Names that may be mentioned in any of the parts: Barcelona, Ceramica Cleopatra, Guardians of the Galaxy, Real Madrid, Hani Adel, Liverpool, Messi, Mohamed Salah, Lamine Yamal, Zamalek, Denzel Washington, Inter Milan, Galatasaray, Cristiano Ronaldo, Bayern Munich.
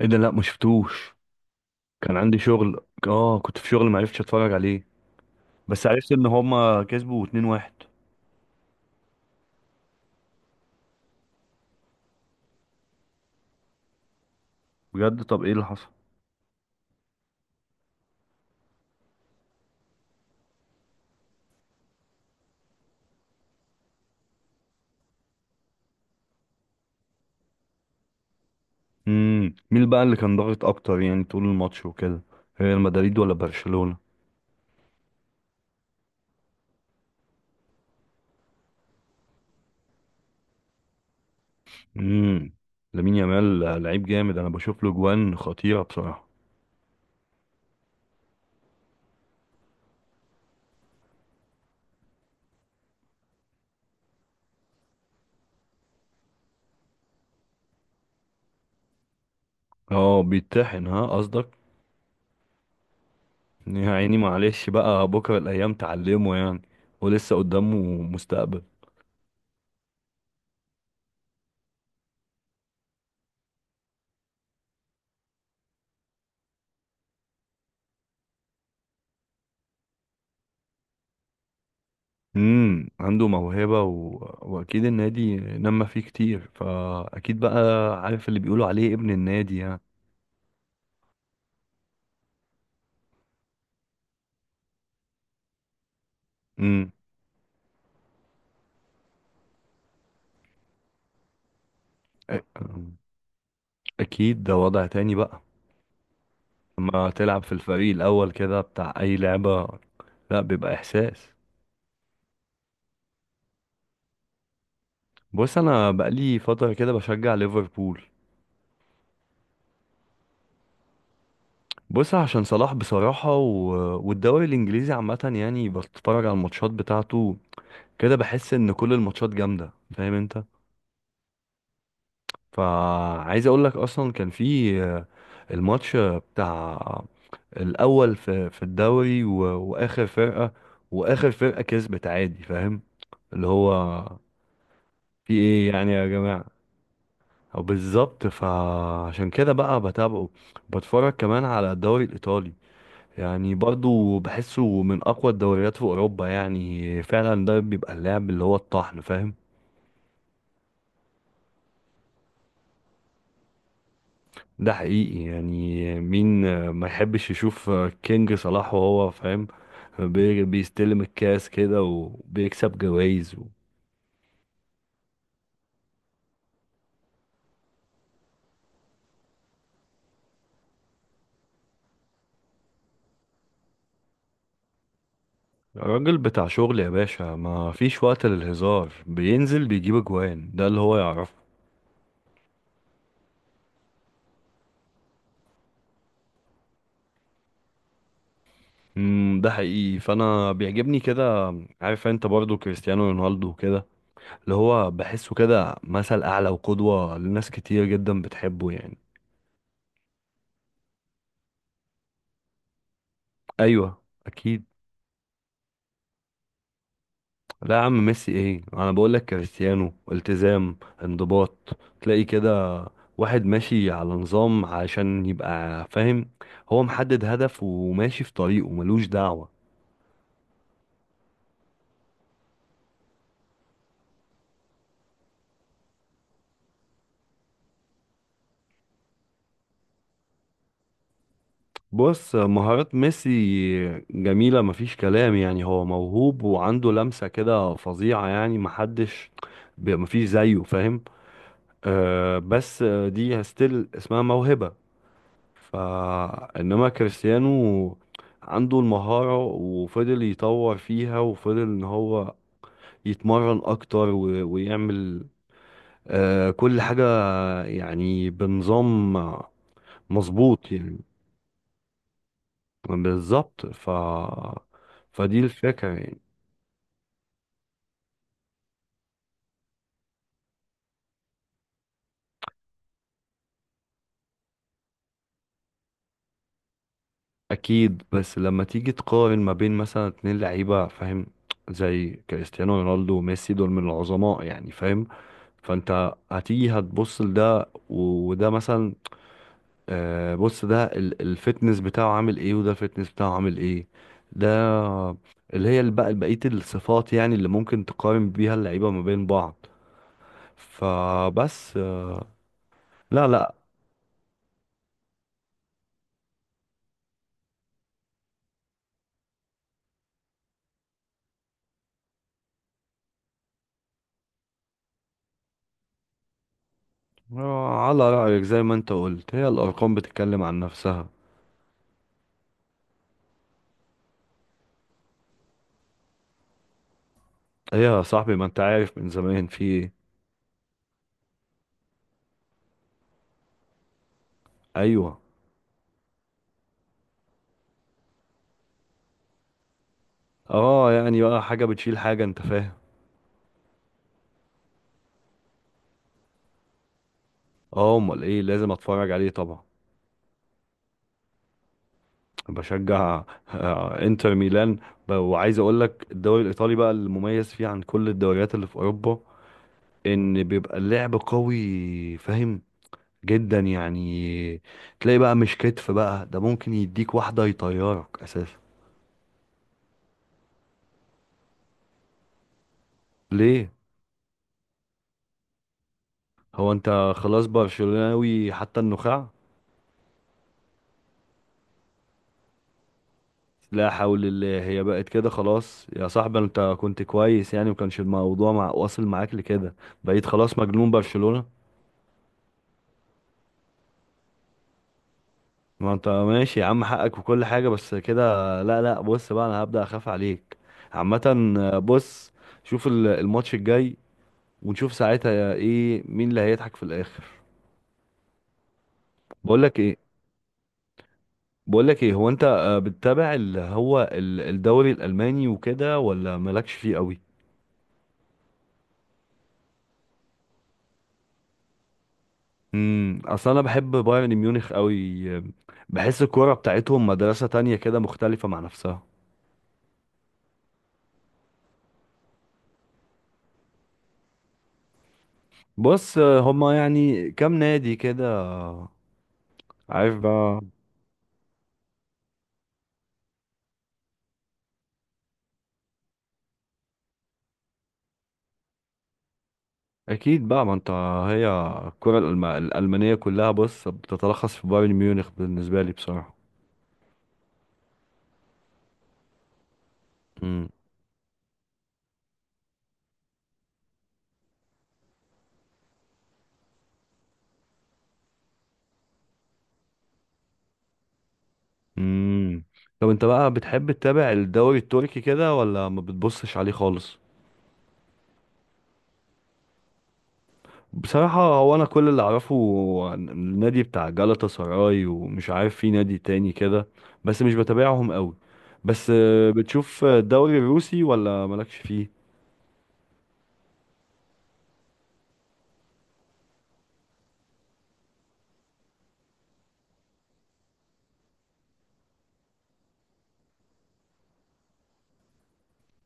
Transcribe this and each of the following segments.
ايه ده؟ لا، ما شفتوش. كان عندي شغل، كنت في شغل، ما عرفتش اتفرج عليه. بس عرفت ان هما كسبوا 2-1. بجد؟ طب ايه اللي حصل؟ مين بقى اللي كان ضاغط اكتر يعني طول الماتش وكده؟ ريال مدريد ولا برشلونة؟ امم لامين يامال لعيب جامد، انا بشوف له جوان خطيرة بصراحة. اه، بيتطحن ها قصدك؟ يا عيني، معلش بقى، بكرة الايام تعلمه يعني، ولسه قدامه مستقبل. عنده موهبة واكيد النادي نما فيه كتير، فاكيد بقى عارف اللي بيقولوا عليه ابن النادي يعني. امم أ- اكيد ده وضع تاني بقى لما تلعب في الفريق الاول كده بتاع اي لعبة، لا، بيبقى احساس. بص، انا بقالي فترة كده بشجع ليفربول. بص، عشان صلاح بصراحة والدوري الانجليزي عامة يعني، بتفرج على الماتشات بتاعته كده، بحس ان كل الماتشات جامدة، فاهم انت؟ فعايز اقول لك اصلا كان في الماتش بتاع الاول في الدوري واخر فرقه، واخر فرقه كسبت عادي، فاهم؟ اللي هو في ايه يعني يا جماعه؟ أو بالظبط، فعشان كده بقى بتابعه. بتفرج كمان على الدوري الايطالي، يعني برضو بحسه من اقوى الدوريات في اوروبا يعني، فعلا ده بيبقى اللعب اللي هو الطحن، فاهم؟ ده حقيقي يعني، مين ما يحبش يشوف كينج صلاح وهو فاهم، بيستلم الكاس كده وبيكسب جوائز؟ راجل بتاع شغل يا باشا، ما فيش وقت للهزار، بينزل بيجيب اجوان، ده اللي هو يعرفه. ده حقيقي، فانا بيعجبني كده. عارف انت برضو كريستيانو رونالدو كده، اللي هو بحسه كده مثل اعلى وقدوة لناس كتير جدا بتحبه يعني. ايوه، اكيد. لا يا عم، ميسي ايه؟ انا بقول لك كريستيانو التزام، انضباط، تلاقي كده واحد ماشي على نظام عشان يبقى فاهم، هو محدد هدف وماشي في طريقه ملوش دعوة. بص، مهارات ميسي جميلة، مفيش كلام يعني، هو موهوب وعنده لمسة كده فظيعة يعني، محدش مفيش زيه، فاهم؟ آه بس دي ستيل اسمها موهبة. فإنما كريستيانو عنده المهارة، وفضل يطور فيها، وفضل إن هو يتمرن أكتر ويعمل كل حاجة يعني بنظام، مظبوط يعني. بالظبط، فدي الفكرة يعني. أكيد، بس لما تيجي تقارن ما بين مثلا اتنين لعيبة فاهم، زي كريستيانو رونالدو وميسي، دول من العظماء يعني فاهم. فأنت هتيجي هتبص لده وده، مثلا بص، ده الفتنس بتاعه عامل ايه، وده الفتنس بتاعه عامل ايه، ده اللي هي بقى بقية الصفات يعني اللي ممكن تقارن بيها اللعيبة ما بين بعض. فبس. لا، لا. على رأيك، زي ما انت قلت، هي الأرقام بتتكلم عن نفسها. هي يا صاحبي، ما انت عارف من زمان في ايه. ايوه. اه، يعني بقى حاجة بتشيل حاجة، انت فاهم. اه، امال ايه، لازم اتفرج عليه طبعا. بشجع انتر ميلان. وعايز اقول لك الدوري الايطالي بقى، المميز فيه عن كل الدوريات اللي في اوروبا ان بيبقى اللعب قوي، فاهم؟ جدا يعني، تلاقي بقى مش كتف، بقى ده ممكن يديك واحدة يطيرك اساسا. ليه؟ هو انت خلاص برشلوناوي حتى النخاع؟ لا حول الله، هي بقت كده خلاص يا صاحبي؟ انت كنت كويس يعني، وكانش الموضوع مع واصل معاك لكده. بقيت خلاص مجنون برشلونة. ما انت ماشي يا عم، حقك وكل حاجة، بس كده. لا، لا، بص بقى، انا هبدأ اخاف عليك عامة. بص، شوف الماتش الجاي، ونشوف ساعتها ايه، مين اللي هيضحك في الاخر. بقولك ايه؟ بقولك ايه، هو انت بتتابع اللي هو الدوري الالماني وكده ولا مالكش فيه قوي؟ اصل انا بحب بايرن ميونخ قوي، بحس الكوره بتاعتهم مدرسه تانية كده، مختلفه مع نفسها. بص هما يعني كام نادي كده، عارف بقى؟ اكيد بقى، ما انت، هي الكره الالمانيه كلها بص بتتلخص في بايرن ميونخ بالنسبه لي بصراحه. امم. امم، طب انت بقى بتحب تتابع الدوري التركي كده ولا ما بتبصش عليه خالص؟ بصراحه، هو انا كل اللي اعرفه عن النادي بتاع جالاتا سراي، ومش عارف في نادي تاني كده، بس مش بتابعهم قوي. بس بتشوف الدوري الروسي ولا مالكش فيه؟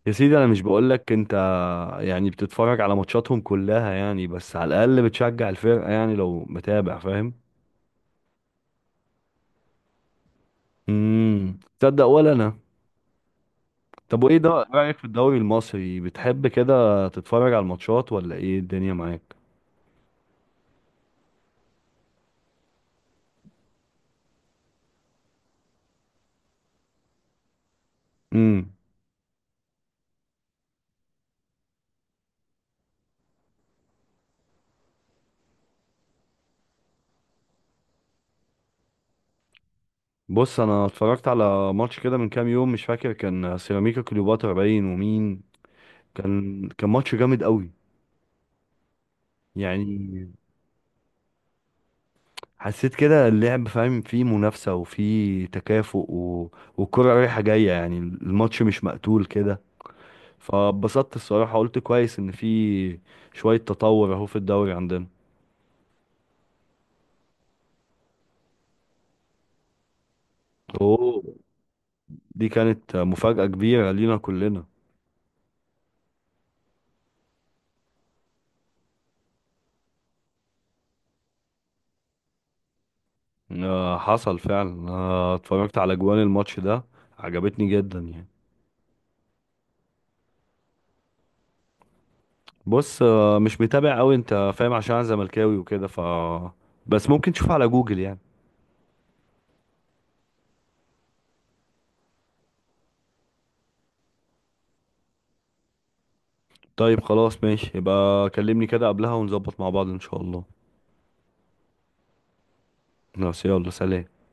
يا سيدي، انا مش بقولك انت، يعني بتتفرج على ماتشاتهم كلها يعني، بس على الاقل بتشجع الفرقه يعني لو متابع، فاهم؟ تصدق ولا انا. طب وايه ده، إيه رايك في الدوري المصري؟ بتحب كده تتفرج على الماتشات ولا ايه الدنيا معاك؟ امم. بص، انا اتفرجت على ماتش كده من كام يوم مش فاكر، كان سيراميكا كليوباترا باين ومين، كان ماتش جامد قوي. يعني حسيت كده اللعب فاهم فيه منافسة، وفيه تكافؤ، والكرة رايحة جاية يعني، الماتش مش مقتول كده، فبسطت الصراحة، قلت كويس إن في شوية تطور أهو في الدوري عندنا. أوه، دي كانت مفاجأة كبيرة لينا كلنا. آه، حصل فعلا، اتفرجت على جوان الماتش ده، عجبتني جدا يعني. بص مش متابع أوي أنت، فاهم؟ عشان أنا زملكاوي وكده، بس ممكن تشوف على جوجل يعني. طيب خلاص ماشي، يبقى كلمني كده قبلها ونظبط مع بعض ان شاء الله. خلاص، يلا، سلام.